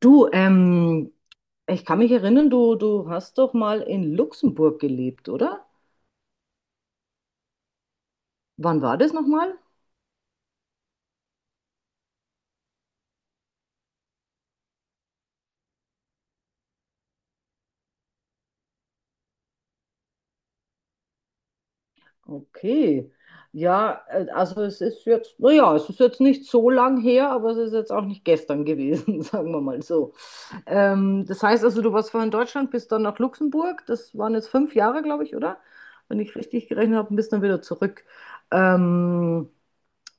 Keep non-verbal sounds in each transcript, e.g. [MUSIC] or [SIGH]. Du, ich kann mich erinnern, du hast doch mal in Luxemburg gelebt, oder? Wann war das nochmal? Okay. Ja, also es ist jetzt, naja, es ist jetzt nicht so lang her, aber es ist jetzt auch nicht gestern gewesen, [LAUGHS] sagen wir mal so. Das heißt also, du warst vorher in Deutschland, bist dann nach Luxemburg, das waren jetzt 5 Jahre, glaube ich, oder? Wenn ich richtig gerechnet habe, und bist dann wieder zurück. Ähm,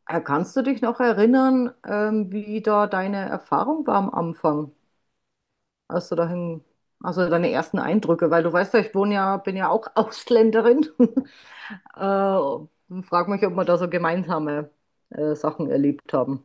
Kannst du dich noch erinnern, wie da deine Erfahrung war am Anfang? Als du dahin, also deine ersten Eindrücke, weil du weißt ja, ich wohne ja, bin ja auch Ausländerin. [LAUGHS] Frag mich, ob wir da so gemeinsame Sachen erlebt haben.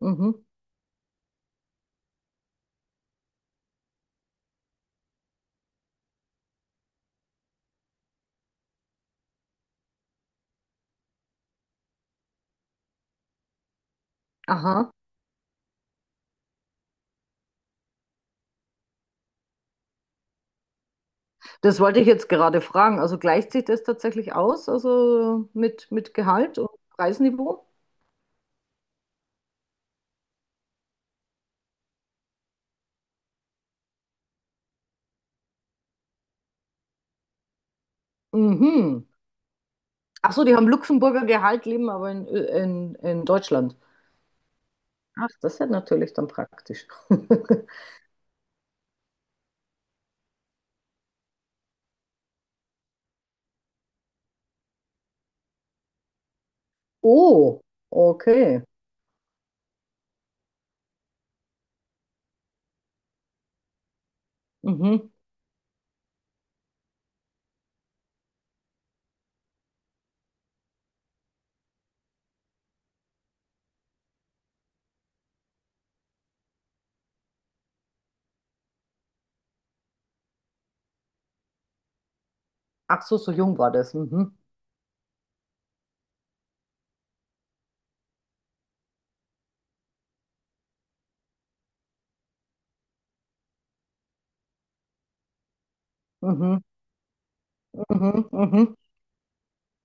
Mhm. Aha. Das wollte ich jetzt gerade fragen. Also gleicht sich das tatsächlich aus, also mit Gehalt und Preisniveau? Mhm. Ach so, die haben Luxemburger Gehalt, leben aber Ö- in Deutschland. Ach, das ist ja natürlich dann praktisch. [LAUGHS] Oh, okay. Mhm. Ach so, so jung war das. Mhm. Mhm, mhm, mhm.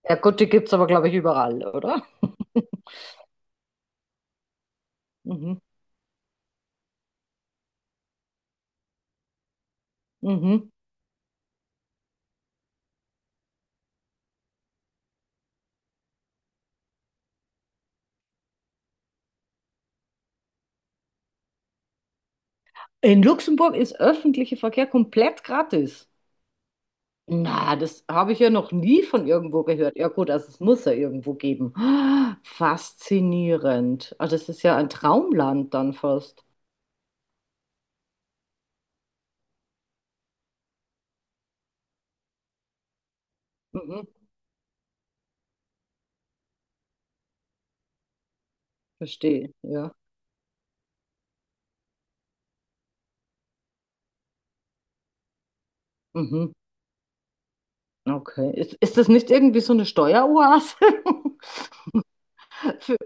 Ja gut, die gibt es aber, glaube ich, überall, oder? Mhm, mhm. In Luxemburg ist öffentlicher Verkehr komplett gratis. Na, das habe ich ja noch nie von irgendwo gehört. Ja gut, also es muss ja irgendwo geben. Faszinierend. Also das ist ja ein Traumland dann fast. Mhm, verstehe, ja. Mhm, okay. Ist das nicht irgendwie so eine Steueroase? [LAUGHS] Für,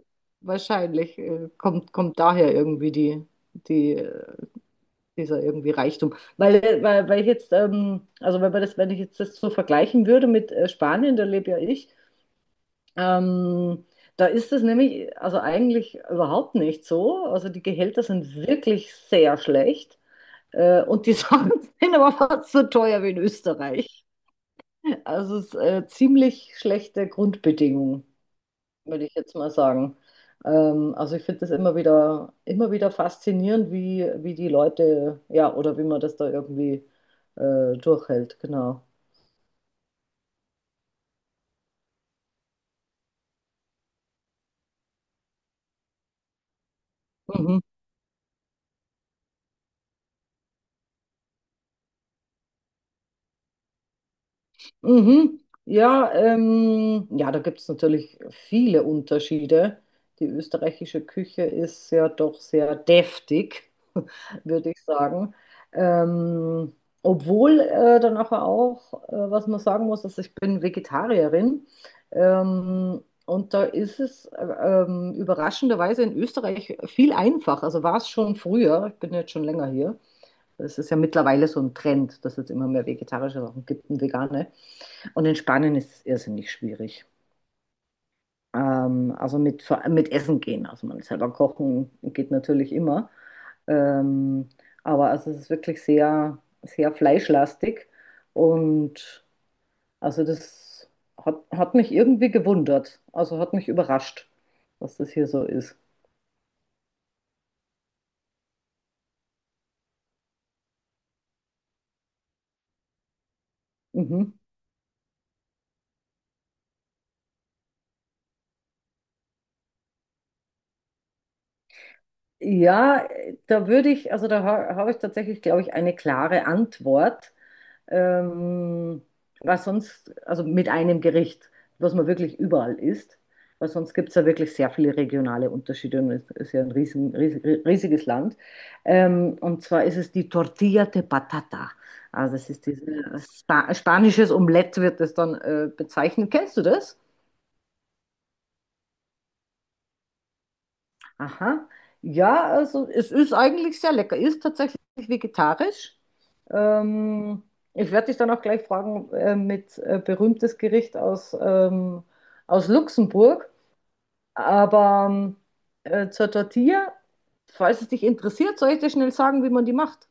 wahrscheinlich kommt, kommt daher irgendwie die, die dieser irgendwie Reichtum. Weil, weil, weil ich jetzt, also wenn man das, wenn ich jetzt das so vergleichen würde mit Spanien, da lebe ja ich, ähm, da ist es nämlich, also eigentlich überhaupt nicht so. Also die Gehälter sind wirklich sehr schlecht. Und die [LAUGHS] Sachen sind aber fast so teuer wie in Österreich. Also es ist ziemlich schlechte Grundbedingungen würde ich jetzt mal sagen. Also ich finde das immer wieder faszinierend, wie, wie die Leute, ja, oder wie man das da irgendwie durchhält, genau. Mhm. Mhm. Ja, ja, da gibt es natürlich viele Unterschiede. Die österreichische Küche ist ja doch sehr deftig, [LAUGHS] würde ich sagen. Ähm, obwohl dann nachher auch, was man sagen muss, dass ich bin Vegetarierin. Und da ist es überraschenderweise in Österreich viel einfacher. Also war es schon früher, ich bin jetzt schon länger hier. Es ist ja mittlerweile so ein Trend, dass es jetzt immer mehr vegetarische Sachen gibt und vegane. Und in Spanien ist es irrsinnig schwierig. Also mit Essen gehen. Also man selber kochen geht natürlich immer. Ähm, aber also es ist wirklich sehr, sehr fleischlastig. Und also das hat, hat mich irgendwie gewundert. Also hat mich überrascht, dass das hier so ist. Mhm. Ja, da würde ich, also da ha habe ich tatsächlich, glaube ich, eine klare Antwort. ähm, Was sonst, also mit einem Gericht, was man wirklich überall isst, weil sonst gibt es ja wirklich sehr viele regionale Unterschiede und es ist ja ein riesen, riesen, riesiges Land. Und zwar ist es die Tortilla de Patata. Also es ist dieses spanisches Omelett, wird das dann bezeichnet. Kennst du das? Aha. Ja, also es ist eigentlich sehr lecker. Ist tatsächlich vegetarisch. Ähm, ich werde dich dann auch gleich fragen mit berühmtes Gericht aus, aus Luxemburg. Aber zur Tortilla, falls es dich interessiert, soll ich dir schnell sagen, wie man die macht.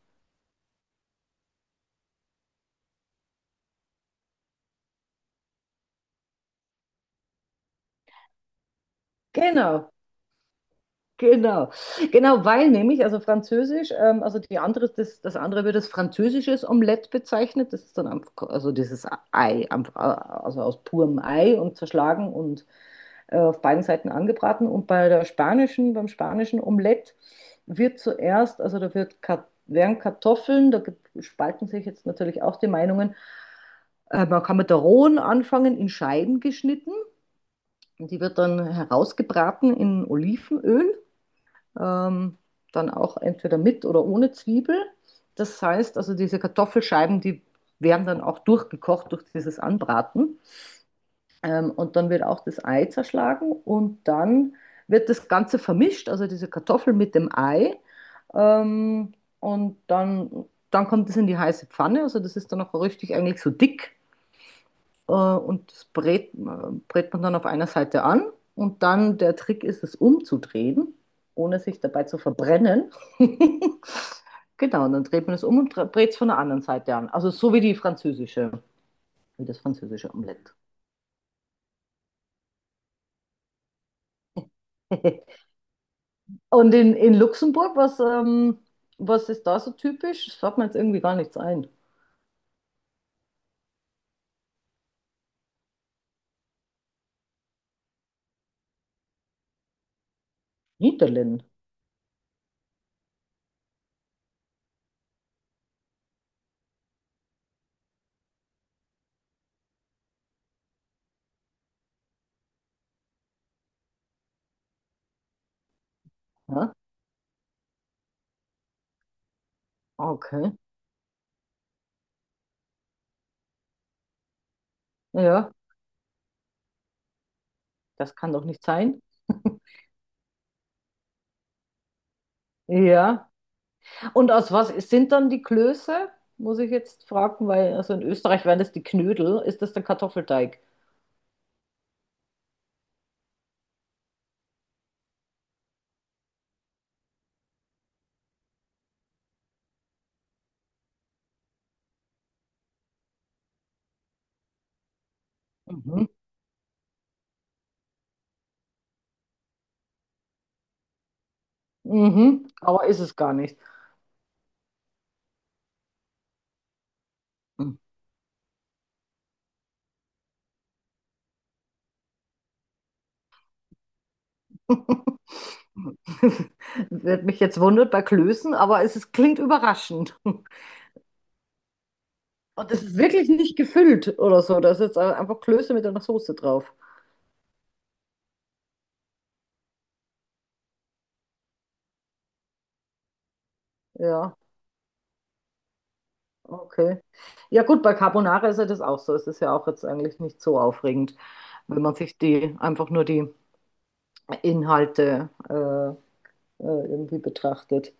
Genau. Genau, genau, weil nämlich, also Französisch, also die andere, das, das andere wird als französisches Omelett bezeichnet. Das ist dann einfach, also dieses Ei, einfach, also aus purem Ei und zerschlagen und auf beiden Seiten angebraten. Und bei der spanischen, beim spanischen Omelett wird zuerst, also da wird, Ka- werden Kartoffeln, da gibt- spalten sich jetzt natürlich auch die Meinungen, man kann mit der rohen anfangen, in Scheiben geschnitten. Und die wird dann herausgebraten in Olivenöl, ähm, dann auch entweder mit oder ohne Zwiebel. Das heißt, also diese Kartoffelscheiben, die werden dann auch durchgekocht durch dieses Anbraten. Und dann wird auch das Ei zerschlagen und dann wird das Ganze vermischt, also diese Kartoffel mit dem Ei. Ähm, und dann kommt es in die heiße Pfanne. Also das ist dann auch richtig eigentlich so dick, und das brät man dann auf einer Seite an. Und dann der Trick ist, es umzudrehen, ohne sich dabei zu verbrennen. [LAUGHS] Genau, und dann dreht man es um und brät es von der anderen Seite an. Also so wie die französische, wie das französische Omelett. [LAUGHS] Und in Luxemburg, was, was ist da so typisch? Das fällt mir jetzt irgendwie gar nichts ein. Niederlin. Ja? Okay. Ja, das kann doch nicht sein. [LAUGHS] Ja. Und aus was sind dann die Klöße? Muss ich jetzt fragen, weil also in Österreich wären das die Knödel. Ist das der Kartoffelteig? Mhm. Mhm. Aber ist es gar nicht. Mhm. [LAUGHS] Wird mich jetzt wundert bei Klößen, aber es ist, klingt überraschend. Und es ist wirklich nicht gefüllt oder so. Das ist jetzt einfach Klöße mit einer Soße drauf. Ja, okay. Ja gut, bei Carbonara ist ja das auch so. Es ist ja auch jetzt eigentlich nicht so aufregend, wenn man sich die einfach nur die Inhalte irgendwie betrachtet.